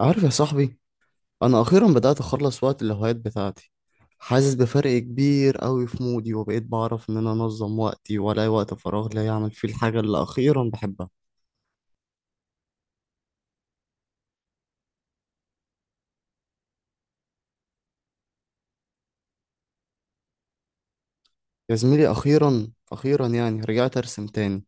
عارف يا صاحبي؟ انا اخيرا بدات اخلص وقت الهوايات بتاعتي. حاسس بفرق كبير قوي في مودي، وبقيت بعرف ان انا انظم وقتي والاقي وقت فراغ لا يعمل فيه الحاجه اللي اخيرا بحبها. يا زميلي، اخيرا اخيرا يعني رجعت ارسم تاني.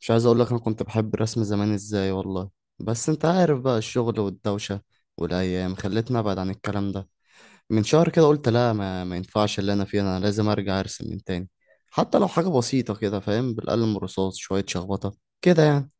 مش عايز اقول لك انا كنت بحب الرسم زمان ازاي والله. بس انت عارف بقى، الشغل والدوشه والايام خلتني ابعد عن الكلام ده. من شهر كده قلت لا، ما ينفعش اللي انا فيه، انا لازم ارجع ارسم من تاني. حتى لو حاجه بسيطه كده فاهم، بالقلم الرصاص، شويه شخبطه كده يعني.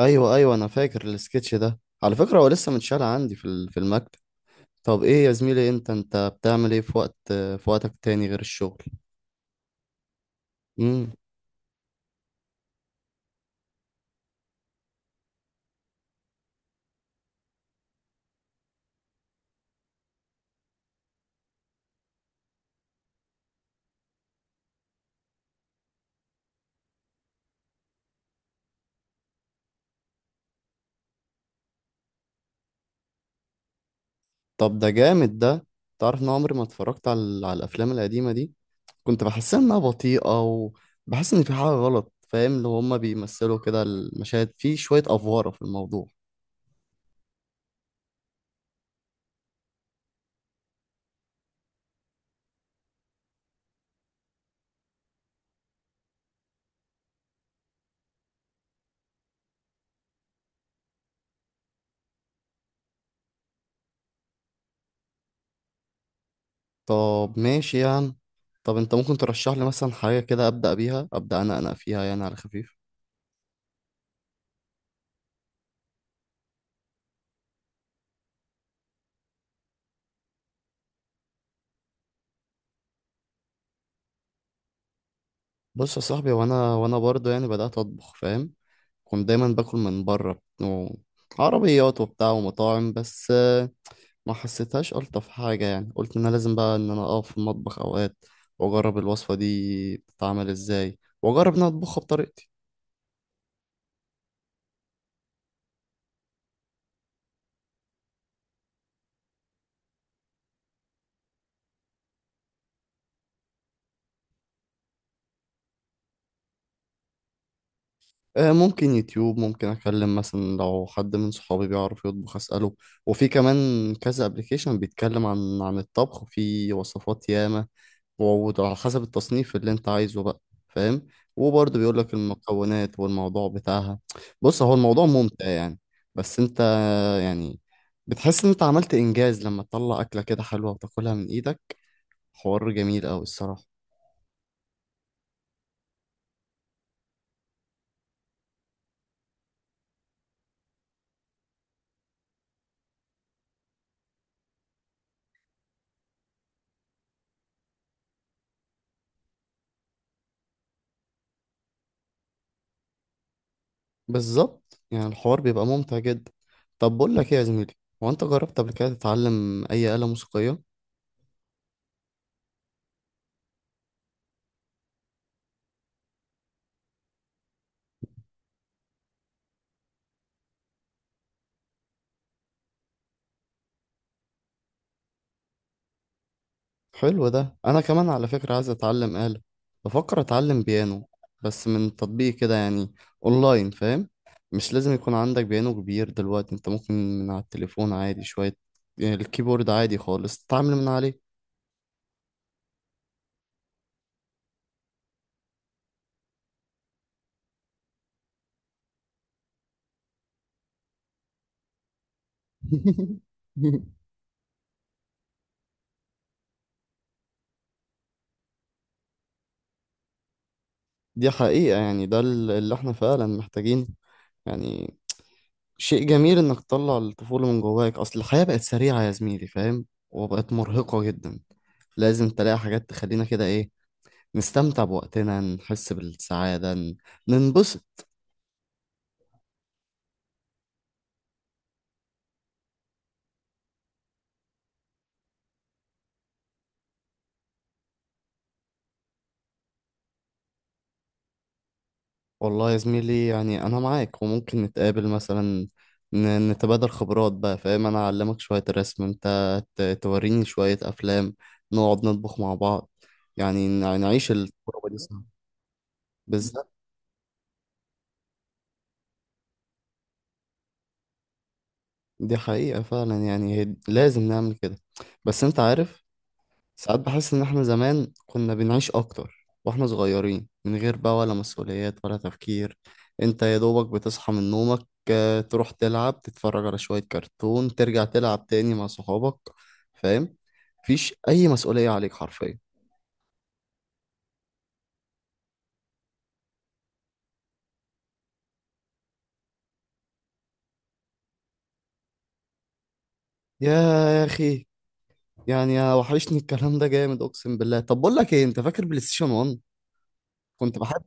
ايوه ايوه، انا فاكر السكتش ده. على فكره هو لسه متشال عندي في المكتب. طب ايه يا زميلي، انت بتعمل ايه في وقتك تاني غير الشغل؟ امم. طب ده جامد ده. تعرف ان عمري ما اتفرجت على الافلام القديمه دي. كنت بحسها انها بطيئه، وبحس ان في حاجه غلط فاهم، اللي هما بيمثلوا كده المشاهد، في شويه افواره في الموضوع. طب ماشي يعني. طب انت ممكن ترشح لي مثلا حاجه كده ابدا بيها؟ ابدا انا فيها يعني على خفيف. بص يا صاحبي، وانا برضه يعني بدأت اطبخ فاهم. كنت دايما باكل من بره عربيات وبتاع ومطاعم. بس ما حسيتهاش الطف حاجه يعني، قلت ان انا لازم بقى ان انا اقف في المطبخ اوقات واجرب الوصفه دي بتتعمل ازاي، واجرب ان انا اطبخها بطريقتي. آه، ممكن يوتيوب، ممكن اكلم مثلا لو حد من صحابي بيعرف يطبخ اساله. وفي كمان كذا ابلكيشن بيتكلم عن الطبخ، في وصفات ياما وعلى حسب التصنيف اللي انت عايزه بقى فاهم، وبرضه بيقول لك المكونات والموضوع بتاعها. بص، هو الموضوع ممتع يعني. بس انت يعني بتحس ان انت عملت انجاز لما تطلع اكله كده حلوه وتاكلها من ايدك. حوار جميل قوي الصراحه. بالظبط، يعني الحوار بيبقى ممتع جدا. طب بقول لك ايه يا زميلي، هو انت جربت قبل كده تتعلم اي آلة موسيقية؟ حلو ده، انا كمان على فكرة عايز اتعلم آلة. بفكر اتعلم بيانو، بس من تطبيق كده يعني، اونلاين فاهم. مش لازم يكون عندك بيانو كبير دلوقتي، انت ممكن من على التليفون عادي شوية يعني، الكيبورد عادي خالص تتعامل من عليه. دي حقيقة، يعني ده اللي احنا فعلا محتاجينه. يعني شيء جميل انك تطلع الطفولة من جواك، اصل الحياة بقت سريعة يا زميلي فاهم، وبقت مرهقة جدا. لازم تلاقي حاجات تخلينا كده ايه، نستمتع بوقتنا، نحس بالسعادة، ننبسط. والله يا زميلي يعني أنا معاك، وممكن نتقابل مثلا، نتبادل خبرات بقى فاهم. أنا أعلمك شوية رسم، أنت توريني شوية أفلام، نقعد نطبخ مع بعض، يعني نعيش التجربة دي سوا. بالظبط. دي حقيقة فعلا، يعني لازم نعمل كده. بس أنت عارف، ساعات بحس إن إحنا زمان كنا بنعيش أكتر وإحنا صغيرين، من غير بقى ولا مسؤوليات ولا تفكير. أنت يا دوبك بتصحى من نومك، تروح تلعب، تتفرج على شوية كرتون، ترجع تلعب تاني مع صحابك فاهم، مفيش أي مسؤولية عليك حرفيا. يا يا أخي، يعني وحشني الكلام ده جامد أقسم بالله. طب بقول لك إيه، أنت فاكر بلاي ستيشن 1؟ كنت بحب،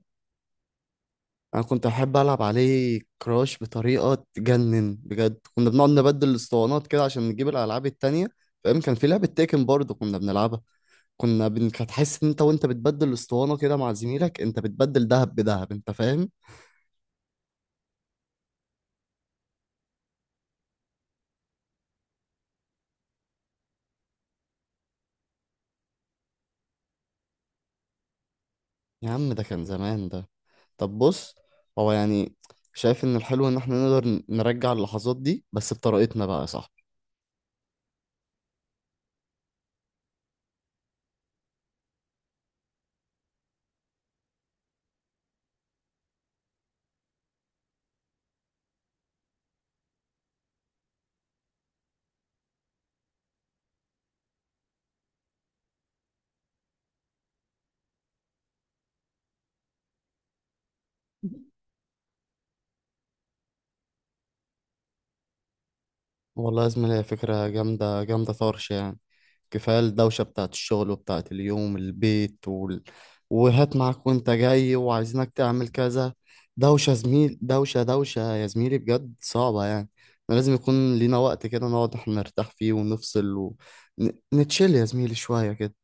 انا كنت احب العب عليه كراش بطريقه تجنن بجد. كنا بنقعد نبدل الاسطوانات كده عشان نجيب الالعاب التانية فاهم. كان في لعبه تيكن برضه كنا بنلعبها. هتحس ان انت وانت بتبدل الاسطوانه كده مع زميلك، انت بتبدل دهب بدهب انت فاهم. يا عم ده كان زمان ده. طب بص، هو يعني شايف ان الحلو ان احنا نقدر نرجع اللحظات دي بس بطريقتنا بقى، صح؟ والله يا زميلي هي فكرة جامدة جامدة طرش يعني. كفاية الدوشة بتاعت الشغل وبتاعت اليوم، البيت وهات معاك وانت جاي وعايزينك تعمل كذا. دوشة زميل، دوشة دوشة يا زميلي بجد، صعبة يعني. احنا لازم يكون لينا وقت كده نقعد احنا نرتاح فيه ونفصل، ونتشيل يا زميلي شوية كده.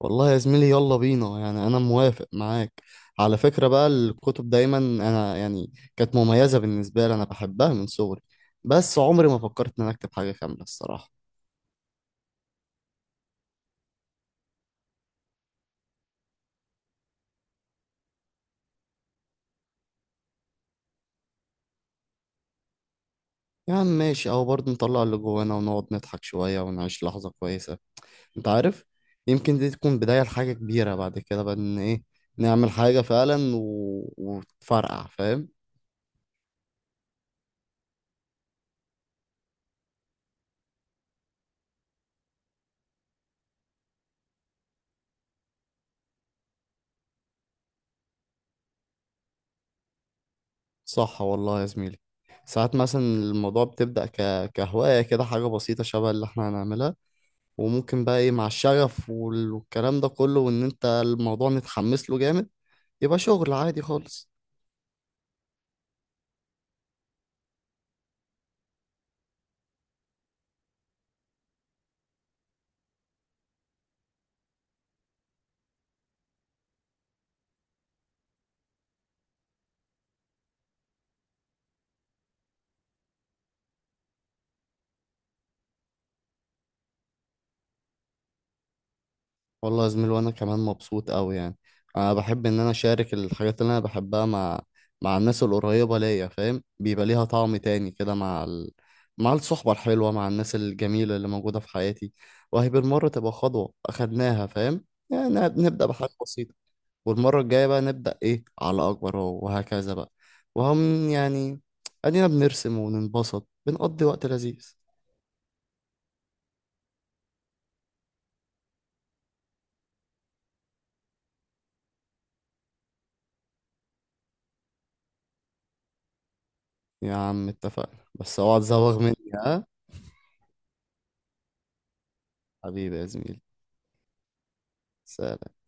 والله يا زميلي يلا بينا يعني، انا موافق معاك. على فكرة بقى، الكتب دايما انا يعني كانت مميزة بالنسبة لي، انا بحبها من صغري. بس عمري ما فكرت ان انا اكتب حاجة كاملة الصراحة. يا عم ماشي، اهو برضه نطلع اللي جوانا ونقعد نضحك شوية ونعيش لحظة كويسة. انت عارف، يمكن دي تكون بداية لحاجة كبيرة بعد كده بقى، ان ايه، نعمل حاجة فعلا وتفرقع فاهم. صح والله يا زميلي. ساعات مثلا الموضوع بتبدأ كهواية كده، حاجة بسيطة شبه اللي احنا هنعملها، وممكن بقى ايه مع الشغف والكلام ده كله، وان انت الموضوع متحمس له جامد، يبقى شغل عادي خالص. والله يا زميل، وانا كمان مبسوط قوي يعني. انا بحب ان انا اشارك الحاجات اللي انا بحبها مع الناس القريبة ليا فاهم، بيبقى ليها طعم تاني كده مع الصحبة الحلوة، مع الناس الجميلة اللي موجودة في حياتي. وهي بالمرة تبقى خطوة اخدناها فاهم، يعني نبدأ بحاجة بسيطة، والمرة الجاية بقى نبدأ إيه على أكبر وهكذا بقى. وهم يعني أدينا بنرسم وننبسط، بنقضي وقت لذيذ. يا عم اتفقنا، بس اوعى تزوغ مني ها. حبيبي يا زميلي. سلام.